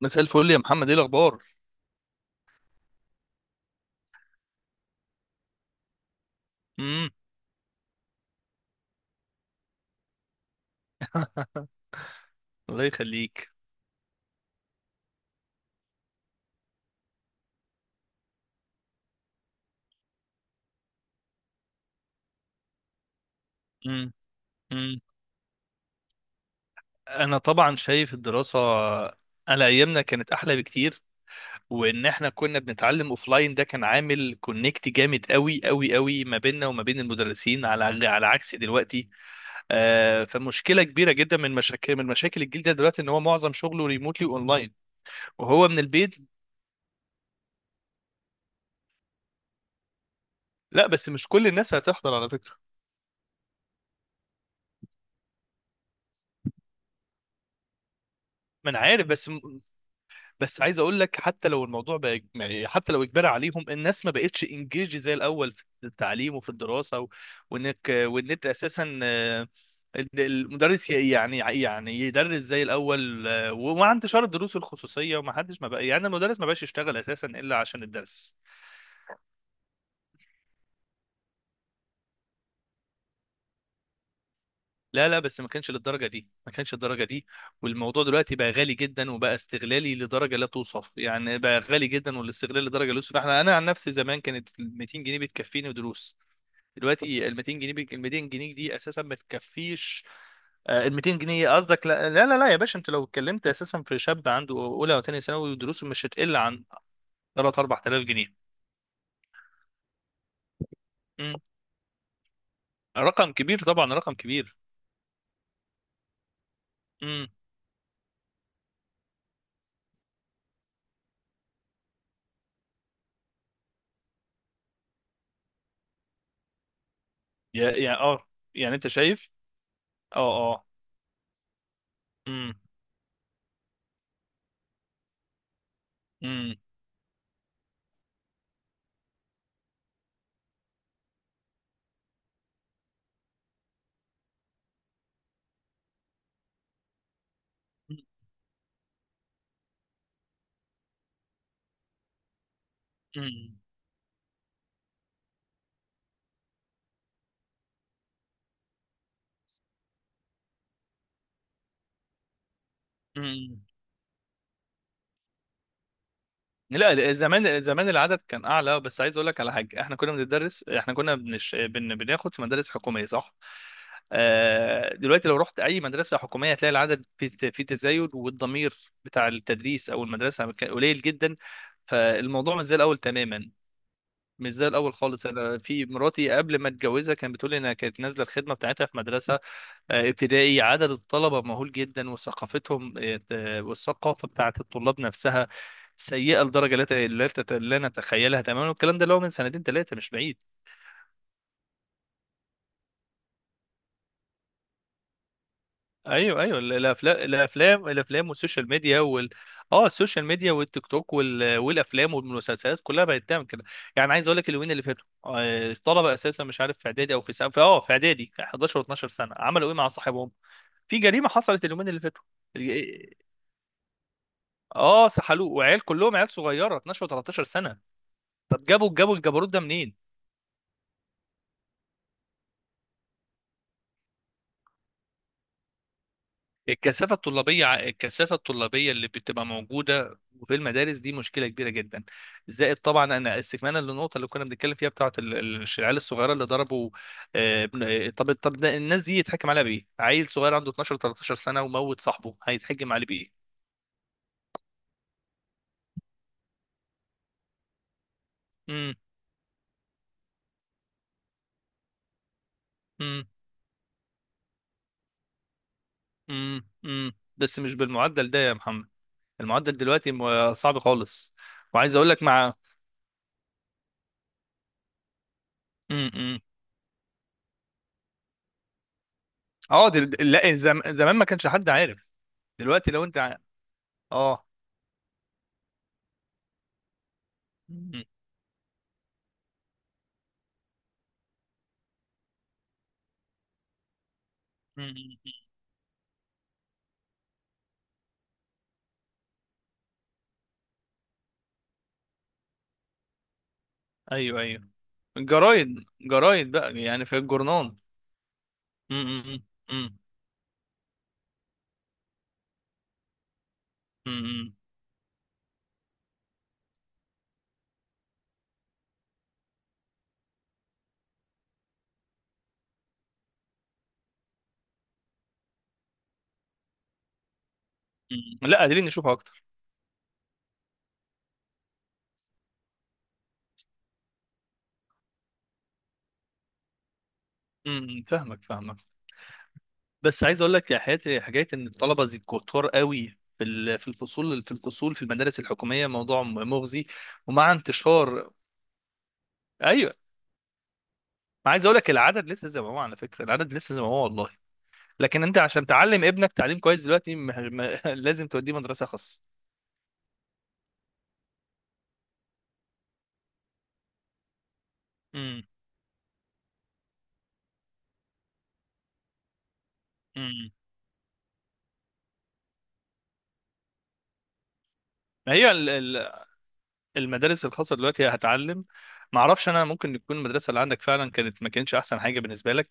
مساء الفل يا محمد، ايه الاخبار؟ امم. الله يخليك. امم. امم. انا طبعا شايف الدراسه على ايامنا كانت احلى بكتير، وان احنا كنا بنتعلم اوفلاين ده كان عامل كونكت جامد قوي قوي قوي ما بيننا وما بين المدرسين، على عكس دلوقتي. فمشكله كبيره جدا من مشاكل الجيل ده دلوقتي ان هو معظم شغله ريموتلي اونلاين وهو من البيت. لا، بس مش كل الناس هتحضر على فكره. ما انا عارف، بس عايز اقول لك حتى لو الموضوع بقى يعني حتى لو اجبار عليهم، الناس ما بقتش انجيج زي الاول في التعليم وفي الدراسه وان انت اساسا، إن المدرس يعني يدرس زي الاول. ومع انتشار الدروس الخصوصيه وما حدش، ما بقى يعني المدرس ما بقاش يشتغل اساسا الا عشان الدرس. لا لا، بس ما كانش للدرجه دي، ما كانش الدرجه دي. والموضوع دلوقتي بقى غالي جدا وبقى استغلالي لدرجه لا توصف، يعني بقى غالي جدا والاستغلال لدرجه لا توصف. انا عن نفسي زمان كانت 200 جنيه بتكفيني دروس. دلوقتي ال 200 جنيه ال 200 جنيه دي اساسا ما تكفيش. آه، ال 200 جنيه قصدك؟ لا لا لا لا يا باشا، انت لو اتكلمت اساسا في شاب عنده اولى وثانيه ثانوي، ودروسه مش هتقل عن 3 4000 جنيه. مم. رقم كبير طبعا، رقم كبير. امم. يا يعني اه. يعني انت شايف. اه. اه. امم. امم. امم. لا، زمان زمان العدد كان اعلى، بس عايز اقول لك على حاجه: احنا كنا بندرس، احنا كنا بناخد في مدارس حكوميه، صح. دلوقتي لو رحت اي مدرسه حكوميه هتلاقي العدد في تزايد، والضمير بتاع التدريس او المدرسه كان قليل جدا. فالموضوع مش زي الاول تماما، مش زي الاول خالص. انا في مراتي قبل ما اتجوزها كانت بتقول لي انها كانت نازله الخدمه بتاعتها في مدرسه، ابتدائي، عدد الطلبة مهول جدا، وثقافتهم، والثقافة بتاعت الطلاب نفسها سيئة لدرجة لا نتخيلها تماما. والكلام ده اللي هو من سنتين ثلاثة، مش بعيد. ايوه ايوه، الافلام الافلام الافلام والسوشيال ميديا وال اه السوشيال ميديا والتيك توك والافلام والمسلسلات كلها بقت تعمل كده. يعني عايز اقول لك اليومين اللي فاتوا، الطلبة اساسا، مش عارف، في اعدادي او في سنة، في اعدادي، 11 و12 سنة، عملوا ايه مع صاحبهم؟ في جريمة حصلت اليومين اللي فاتوا. اه، سحلوه. وعيال كلهم عيال صغيره، 12 و13 سنه. طب جابوا الجبروت ده منين؟ الكثافه الطلابيه الكثافه الطلابيه اللي بتبقى موجوده في المدارس دي مشكله كبيره جدا. زائد طبعا، انا استكمالا للنقطه اللي كنا بنتكلم فيها بتاعه العيال الصغيره اللي ضربوا، طب ده الناس دي يتحكم عليها بايه؟ عيل صغير عنده 12 13 سنه وموت صاحبه، هيتحكم عليه بايه؟ امم. امم. امم. امم، بس مش بالمعدل ده يا محمد، المعدل دلوقتي صعب خالص. وعايز اقول لك مع م- م. اه لا، زمان ما كانش حد عارف. دلوقتي لو انت اه م- م- م- ايوه ايوه، الجرايد جرايد بقى، يعني في الجورنان. م- م- م- م- م- م- م. لا، قادرين نشوفها اكتر. م- م. فاهمك فاهمك، بس عايز اقول لك يا حياتي: حكايه ان الطلبه زي كتار قوي في في الفصول في المدارس الحكوميه موضوع مغزي. ومع انتشار ايوه. ما عايز اقول لك العدد لسه زي ما هو على فكره، العدد لسه زي ما هو والله. لكن انت عشان تعلم ابنك تعليم كويس دلوقتي لازم توديه مدرسه خاص. امم. امم. ما هي المدارس الخاصه دلوقتي هتعلم؟ ما اعرفش، انا ممكن تكون المدرسه اللي عندك فعلا كانت ما كانتش احسن حاجه بالنسبه لك،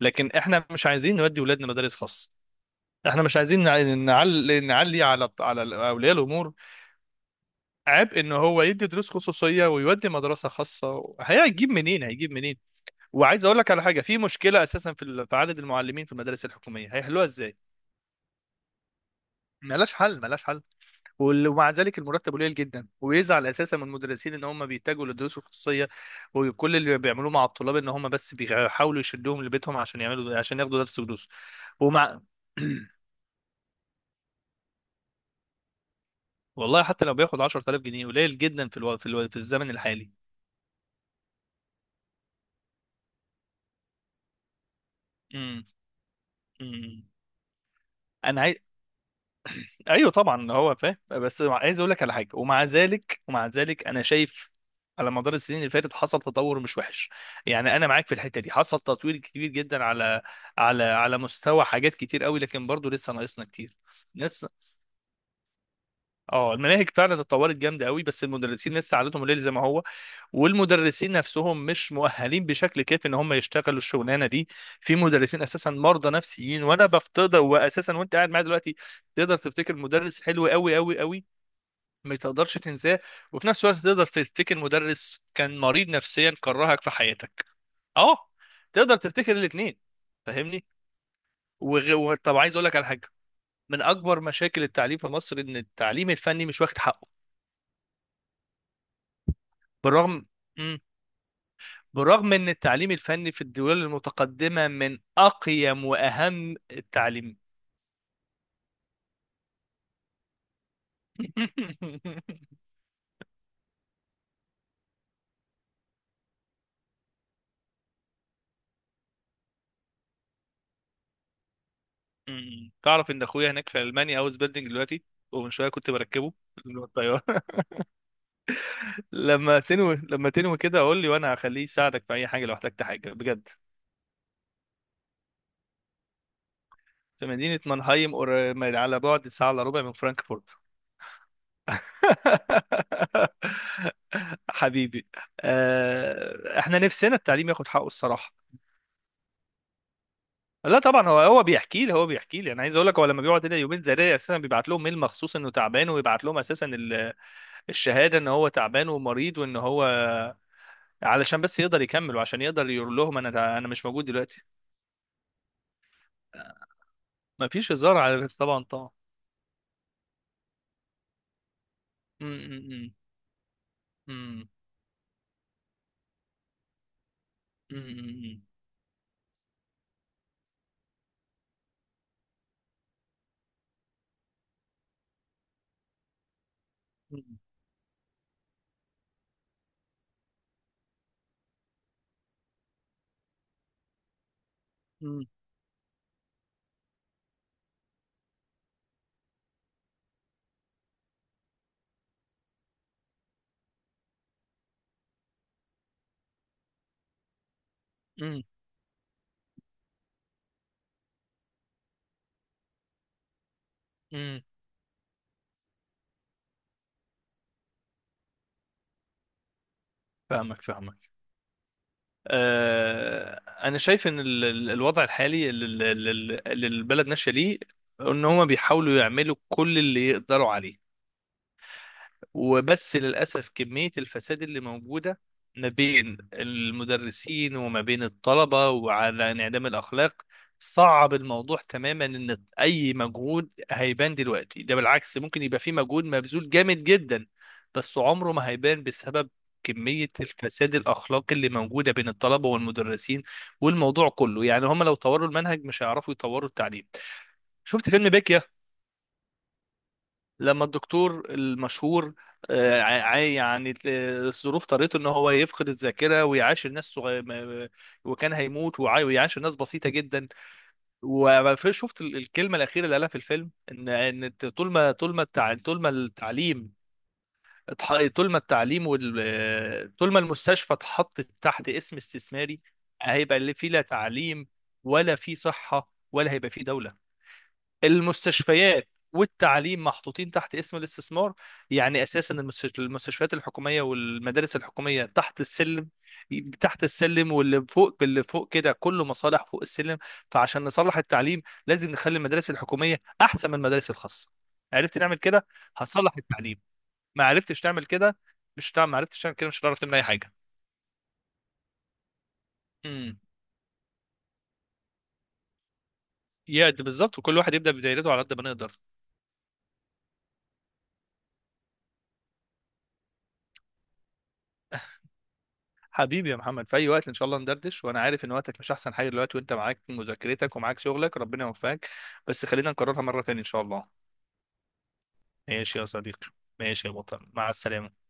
لكن احنا مش عايزين نودي ولادنا مدارس خاص. احنا مش عايزين نعلي على اولياء الامور عبء ان هو يدي دروس خصوصيه ويودي مدرسه خاصه. هيجيب منين؟ هيجيب منين؟ وعايز اقول لك على حاجه: في مشكله اساسا في في عدد المعلمين في المدارس الحكوميه، هيحلوها ازاي؟ ملهاش حل، ملهاش حل. ومع ذلك المرتب قليل جدا، ويزعل اساسا من المدرسين ان هم بيتجهوا للدروس الخصوصيه. وكل اللي بيعملوه مع الطلاب ان هم بس بيحاولوا يشدوهم لبيتهم عشان يعملوا، عشان ياخدوا درس دروس. ومع والله حتى لو بياخد 10000 جنيه قليل جدا في في الزمن الحالي. امم. أمم. انا عايز. ايوه طبعا هو فاهم، بس عايز اقول لك على حاجه: ومع ذلك، ومع ذلك، انا شايف على مدار السنين اللي فاتت حصل تطور مش وحش. يعني انا معاك في الحته دي، حصل تطوير كبير جدا على على مستوى حاجات كتير قوي، لكن برضه لسه ناقصنا كتير. لسه. اه، المناهج فعلا اتطورت جامده قوي، بس المدرسين لسه عادتهم الليل زي ما هو. والمدرسين نفسهم مش مؤهلين بشكل كافي ان هم يشتغلوا الشغلانه دي. في مدرسين اساسا مرضى نفسيين. وانا بفتضل واساسا وانت قاعد معايا دلوقتي، تقدر تفتكر مدرس حلو قوي قوي قوي ما تقدرش تنساه، وفي نفس الوقت تقدر تفتكر مدرس كان مريض نفسيا كرهك في حياتك. اه، تقدر تفتكر الاثنين، فاهمني؟ طب عايز اقول لك على حاجه: من اكبر مشاكل التعليم في مصر ان التعليم الفني مش واخد حقه. بالرغم. مم. بالرغم ان التعليم الفني في الدول المتقدمه من اقيم واهم التعليم. مم. تعرف ان اخويا هناك في المانيا هاوس بيلدينج دلوقتي، ومن شويه كنت بركبه من الطياره. لما تنوي، لما تنوي كده قول لي، وانا هخليه يساعدك في اي حاجه لو احتجت حاجه بجد. في مدينه مانهايم، على بعد ساعه الا ربع من فرانكفورت. حبيبي. احنا نفسنا التعليم ياخد حقه الصراحه. لا طبعا، هو بيحكي لي، انا عايز اقول لك: هو لما بيقعد هنا يومين زي ده اساسا بيبعت لهم ميل مخصوص انه تعبان، ويبعت لهم اساسا الشهاده ان هو تعبان ومريض، وان هو علشان بس يقدر يكمل وعشان يقدر يقول لهم انا مش موجود دلوقتي. ما فيش هزار على، طبعا، طبعا. أمم. أمم. أمم. أمم. أمم. أمم. أمم. فاهمك فاهمك. آه، انا شايف ان الوضع الحالي اللي البلد ماشيه ليه ان هما بيحاولوا يعملوا كل اللي يقدروا عليه. وبس للأسف كمية الفساد اللي موجودة ما بين المدرسين وما بين الطلبة، وعلى انعدام الأخلاق، صعب الموضوع تماما إن أي مجهود هيبان دلوقتي. ده بالعكس، ممكن يبقى في مجهود مبذول جامد جدا، بس عمره ما هيبان بسبب كمية الفساد الأخلاقي اللي موجودة بين الطلبة والمدرسين. والموضوع كله يعني هم لو طوروا المنهج مش هيعرفوا يطوروا التعليم. شفت فيلم بيكيا لما الدكتور المشهور، يعني الظروف طريته ان هو يفقد الذاكره ويعاشر ناس صغير وكان هيموت ويعاشر ناس بسيطه جدا. وشفت الكلمه الاخيره اللي قالها في الفيلم: ان طول ما طول ما التعليم طول ما التعليم وال آه، طول ما المستشفى اتحطت تحت اسم استثماري، هيبقى اللي فيه لا تعليم، ولا فيه صحه، ولا هيبقى فيه دوله. المستشفيات والتعليم محطوطين تحت اسم الاستثمار. يعني اساسا المستشفيات الحكوميه والمدارس الحكوميه تحت السلم، تحت السلم، واللي فوق، اللي فوق كده كله مصالح فوق السلم. فعشان نصلح التعليم لازم نخلي المدارس الحكوميه احسن من المدارس الخاصه. عرفت نعمل كده؟ هتصلح التعليم. ما عرفتش تعمل كده، مش هتعمل. ما عرفتش تعمل كده، مش هتعرف تعمل اي حاجه. امم. يا ده بالظبط، وكل واحد يبدا بدايرته على قد ما نقدر. حبيبي يا محمد، في اي وقت ان شاء الله ندردش. وانا عارف ان وقتك مش احسن حاجه دلوقتي، وانت معاك مذاكرتك ومعاك شغلك، ربنا يوفقك. بس خلينا نكررها مره تانية ان شاء الله. ماشي يا صديقي. ماشي يا بطل، مع السلامه.